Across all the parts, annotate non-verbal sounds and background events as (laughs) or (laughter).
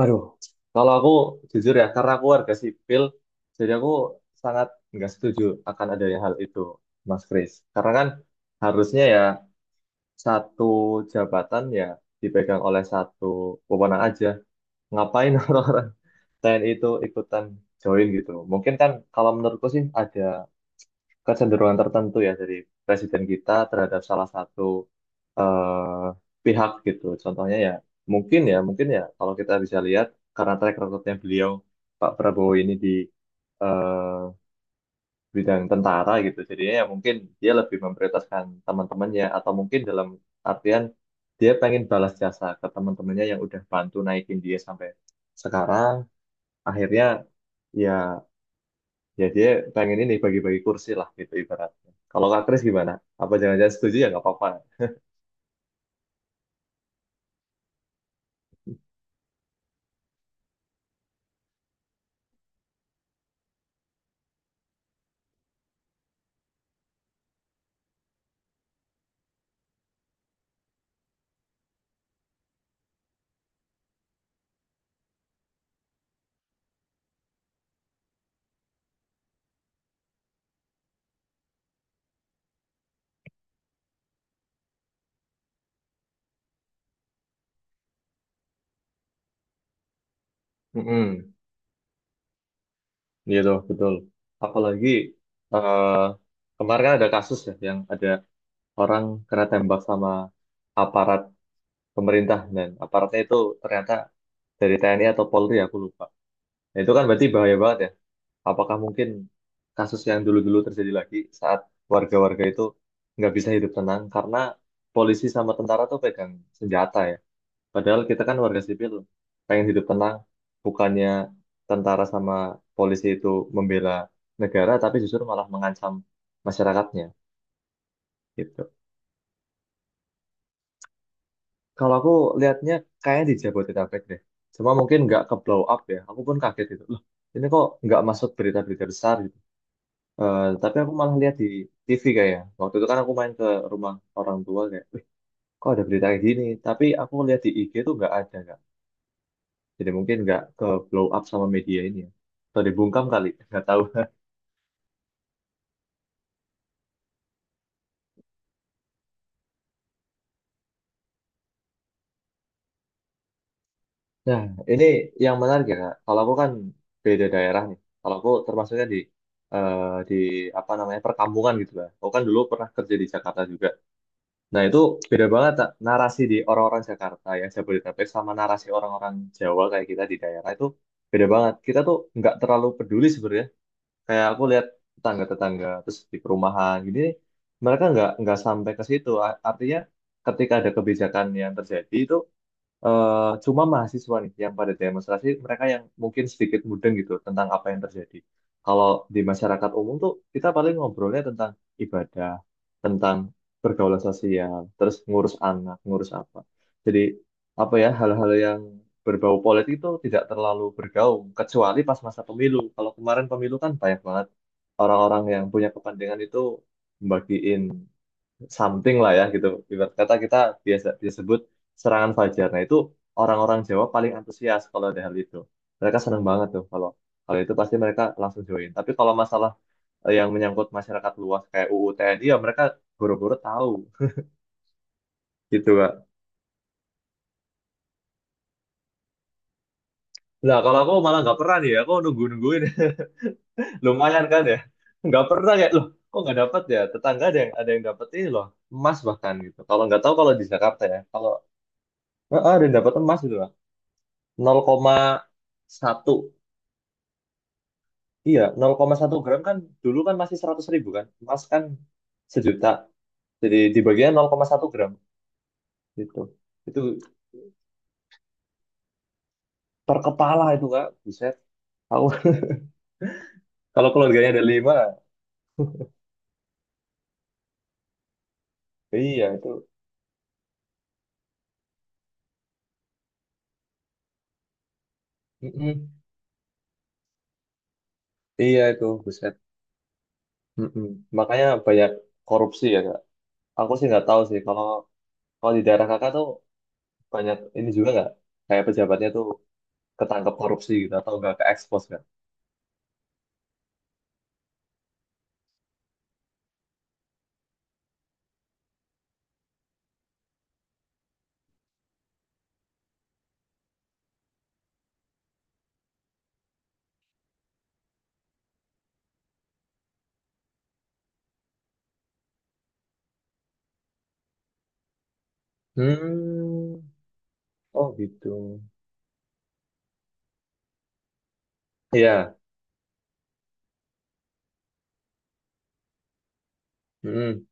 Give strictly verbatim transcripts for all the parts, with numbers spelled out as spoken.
Aduh, kalau aku jujur ya, karena aku warga sipil, jadi aku sangat nggak setuju akan adanya hal itu, Mas Kris. Karena kan harusnya ya satu jabatan ya dipegang oleh satu pemenang aja. Ngapain (laughs) orang-orang T N I itu ikutan join gitu? Mungkin kan kalau menurutku sih ada kecenderungan tertentu ya dari presiden kita terhadap salah satu eh, pihak gitu. Contohnya ya mungkin ya mungkin ya kalau kita bisa lihat karena track recordnya beliau Pak Prabowo ini di eh, bidang tentara gitu. Jadinya ya mungkin dia lebih memprioritaskan teman-temannya atau mungkin dalam artian dia pengen balas jasa ke teman-temannya yang udah bantu naikin dia sampai sekarang. Akhirnya ya ya dia pengen ini bagi-bagi kursi lah gitu ibaratnya. Kalau Kak Kris gimana? Apa jangan-jangan setuju ya nggak apa-apa. Mm-mm, gitu, betul. Apalagi eh, kemarin kan ada kasus ya yang ada orang kena tembak sama aparat pemerintah dan aparatnya itu ternyata dari T N I atau Polri aku lupa. Nah, itu kan berarti bahaya banget ya. Apakah mungkin kasus yang dulu-dulu terjadi lagi saat warga-warga itu nggak bisa hidup tenang karena polisi sama tentara tuh pegang senjata ya. Padahal kita kan warga sipil, pengen hidup tenang, bukannya tentara sama polisi itu membela negara, tapi justru malah mengancam masyarakatnya, gitu. Kalau aku lihatnya kayaknya di Jabodetabek deh. Cuma mungkin nggak ke blow up ya, aku pun kaget gitu. Loh, ini kok nggak masuk berita-berita besar gitu. Eh, tapi aku malah lihat di T V kayaknya. Waktu itu kan aku main ke rumah orang tua kayak, wih, kok ada berita kayak gini? Tapi aku lihat di I G tuh nggak ada, Jadi mungkin nggak ke blow up sama media ini ya. Atau dibungkam kali, nggak tahu. (laughs) Nah, ini yang menarik ya, Kak. Kalau aku kan beda daerah nih. Kalau aku termasuknya di eh, di apa namanya perkampungan gitu lah. Aku kan dulu pernah kerja di Jakarta juga. Nah, itu beda banget Kak. narasi di orang-orang Jakarta yang Jabodetabek sama narasi orang-orang Jawa kayak kita di daerah itu beda banget. Kita tuh nggak terlalu peduli sebenarnya kayak aku lihat tetangga-tetangga terus di perumahan gini mereka nggak nggak sampai ke situ A- artinya ketika ada kebijakan yang terjadi itu eh cuma mahasiswa nih yang pada demonstrasi, mereka yang mungkin sedikit mudeng gitu tentang apa yang terjadi. Kalau di masyarakat umum tuh kita paling ngobrolnya tentang ibadah, tentang pergaulan sosial, terus ngurus anak, ngurus apa. Jadi apa ya hal-hal yang berbau politik itu tidak terlalu bergaung kecuali pas masa pemilu. Kalau kemarin pemilu kan banyak banget orang-orang yang punya kepentingan itu membagiin something lah ya gitu. Ibarat kata kita biasa disebut serangan fajar. Nah itu orang-orang Jawa paling antusias kalau ada hal itu. Mereka seneng banget tuh kalau kalau itu pasti mereka langsung join. Tapi kalau masalah eh, yang menyangkut masyarakat luas kayak U U T N I ya mereka buru-buru tahu gitu Kak. Nah kalau aku malah nggak pernah nih ya, aku nunggu-nungguin (laughs) lumayan kan ya. Nggak pernah kayak loh kok nggak dapat ya tetangga ada yang ada yang dapat ini loh emas bahkan gitu. Kalau nggak tahu kalau di Jakarta ya kalau eh, ah, ada yang dapat emas gitu lah nol koma satu. Iya, nol koma satu gram kan dulu kan masih seratus ribu kan. Emas kan sejuta. Jadi dibaginya nol koma satu gram gitu. Itu per kepala itu Kak. Buset. tahu (laughs) kalau keluarganya ada lima, iya itu. Mm-mm. Iya itu, buset. Mm-mm. Makanya banyak korupsi ya Kak. Aku sih nggak tahu sih kalau kalau di daerah Kakak tuh banyak ini juga nggak? Kayak pejabatnya tuh ketangkep korupsi gitu atau nggak ke expose kan? Hmm. Oh gitu. Iya. Mm-mm.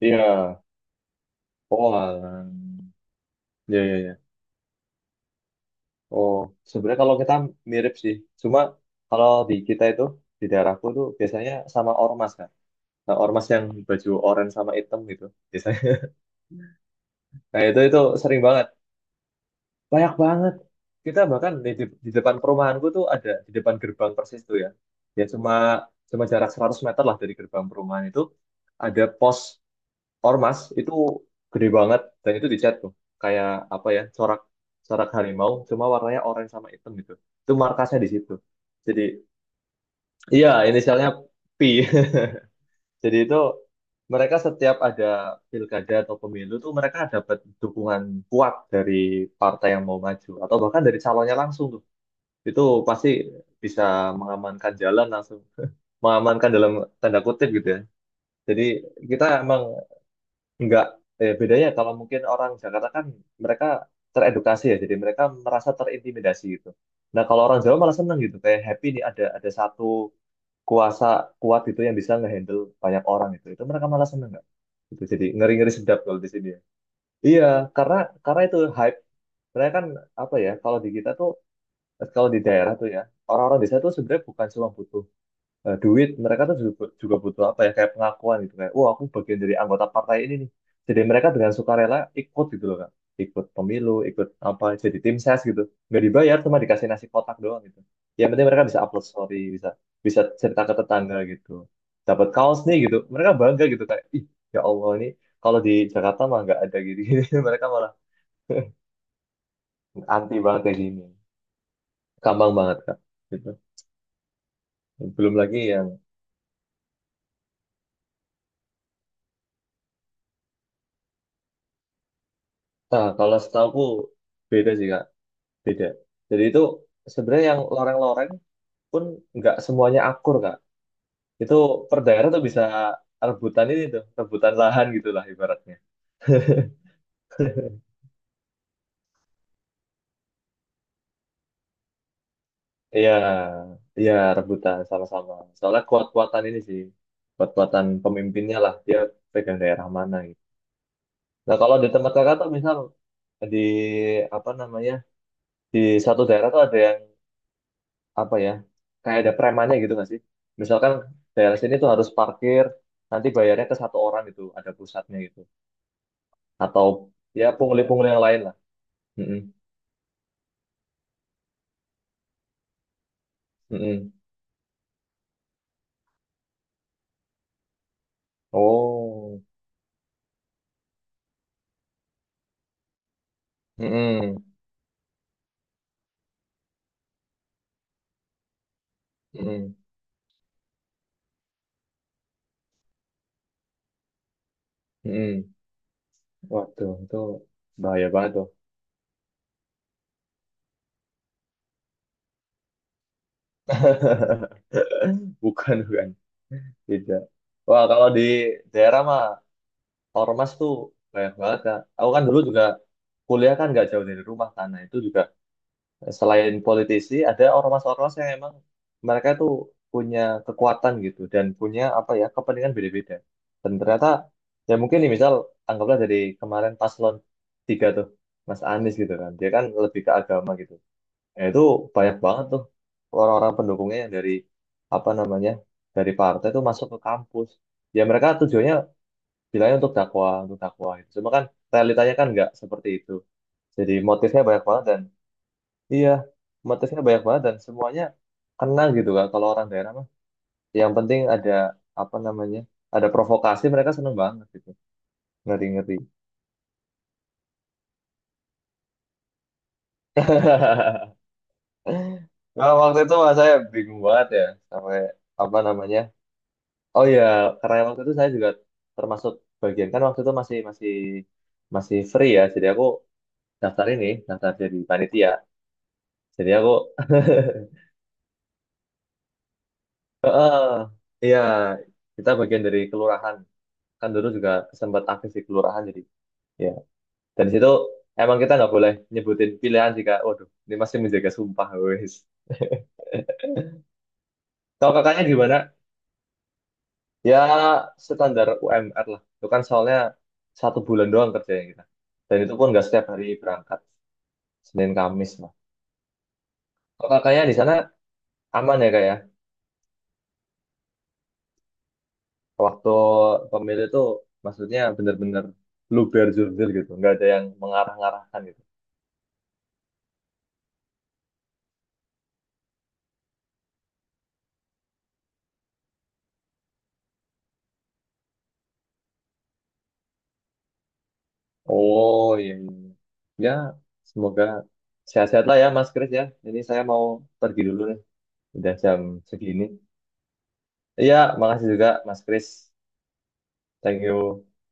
Iya. Oh, alah. Ya, ya, ya. Oh, sebenarnya kalau kita mirip sih. Cuma kalau di kita itu, di daerahku tuh biasanya sama ormas kan. Nah, ormas yang baju oranye sama hitam gitu. Biasanya. (laughs) Nah, itu itu sering banget. Banyak banget. Kita bahkan di, di- di depan perumahanku tuh ada, di depan gerbang persis tuh ya. Ya cuma cuma jarak seratus meter lah dari gerbang perumahan itu. Ada pos ormas itu gede banget dan itu dicat tuh kayak apa ya corak corak harimau cuma warnanya orange sama hitam gitu itu markasnya di situ jadi iya inisialnya P. (laughs) Jadi itu mereka setiap ada pilkada atau pemilu tuh mereka dapat dukungan kuat dari partai yang mau maju atau bahkan dari calonnya langsung tuh itu pasti bisa mengamankan jalan langsung mengamankan dalam tanda kutip gitu ya jadi kita emang enggak, eh, bedanya kalau mungkin orang Jakarta kan mereka teredukasi ya, jadi mereka merasa terintimidasi gitu. Nah kalau orang Jawa malah seneng gitu, kayak happy nih ada ada satu kuasa kuat gitu yang bisa ngehandle banyak orang itu. Itu mereka malah seneng nggak? Gitu. Jadi ngeri-ngeri sedap kalau di sini ya. Iya, karena karena itu hype. Mereka kan apa ya? Kalau di kita tuh, kalau di daerah tuh ya, orang-orang desa tuh sebenarnya bukan cuma butuh eh, duit mereka tuh juga, juga butuh apa ya kayak pengakuan gitu kayak wah aku bagian dari anggota partai ini nih jadi mereka dengan sukarela ikut gitu loh kan ikut pemilu ikut apa jadi tim ses gitu nggak dibayar cuma dikasih nasi kotak doang gitu yang penting mereka bisa upload story bisa bisa cerita ke tetangga gitu dapat kaos nih gitu mereka bangga gitu kayak ih ya Allah ini kalau di Jakarta mah nggak ada gini, (laughs) gini. Mereka malah (laughs) anti banget kayak gini gampang banget kak gitu belum lagi yang ah kalau setahu beda sih kak beda. Jadi itu sebenarnya yang loreng-loreng pun nggak semuanya akur kak. Itu per daerah tuh bisa rebutan ini tuh, rebutan lahan gitulah ibaratnya. Iya, iya rebutan sama-sama. Soalnya kuat-kuatan ini sih, kuat-kuatan pemimpinnya lah dia pegang daerah mana gitu. Nah kalau di tempat kakak tuh misal di apa namanya di satu daerah tuh ada yang apa ya kayak ada premannya gitu nggak sih? Misalkan daerah sini tuh harus parkir nanti bayarnya ke satu orang gitu, ada pusatnya gitu. Atau ya pungli-pungli yang lain lah. Mm-mm, mm-mm. Oh, mm-mm, mm-mm, mm-mm. Waduh, itu bahaya banget tuh. (laughs) Bukan, bukan. Tidak. Wah, kalau di daerah mah ormas tuh banyak banget, Kak. Aku kan dulu juga kuliah kan nggak jauh dari rumah, karena itu juga selain politisi ada ormas-ormas yang emang mereka tuh punya kekuatan gitu dan punya apa ya kepentingan beda-beda dan ternyata ya mungkin nih misal anggaplah dari kemarin paslon tiga tuh Mas Anies gitu kan dia kan lebih ke agama gitu ya itu banyak banget tuh orang-orang pendukungnya yang dari apa namanya dari partai tuh masuk ke kampus ya mereka tujuannya bilangnya untuk dakwah untuk dakwah gitu cuma kan realitanya kan nggak seperti itu jadi motifnya banyak banget dan iya, motifnya banyak banget dan semuanya kena gitu kan. Kalau orang daerah mah, yang penting ada apa namanya, ada provokasi mereka seneng banget gitu. Ngeri-ngeri. (laughs) Kalau waktu itu mah saya bingung banget ya sampai apa namanya. Oh iya, karena waktu itu saya juga termasuk bagian kan waktu itu masih masih masih free ya. Jadi aku daftar ini, daftar jadi panitia. Jadi aku iya kita bagian dari kelurahan. Kan dulu juga sempat aktif di kelurahan jadi ya Dan situ emang kita nggak boleh nyebutin pilihan jika, waduh, ini masih menjaga sumpah, wes. Kalau kakaknya gimana? Ya standar U M R lah. Itu kan soalnya satu bulan doang kerjanya kita. Dan itu pun nggak setiap hari berangkat. Senin Kamis lah. Kalau kakaknya di sana aman ya kak ya? Waktu pemilu itu maksudnya bener-bener luber jurdil gitu. Nggak ada yang mengarah-ngarahkan gitu. Oh iya, iya. Ya semoga sehat-sehat lah ya Mas Kris ya. Ini saya mau pergi dulu nih. Udah jam segini. Iya, makasih juga Mas Kris. Thank you.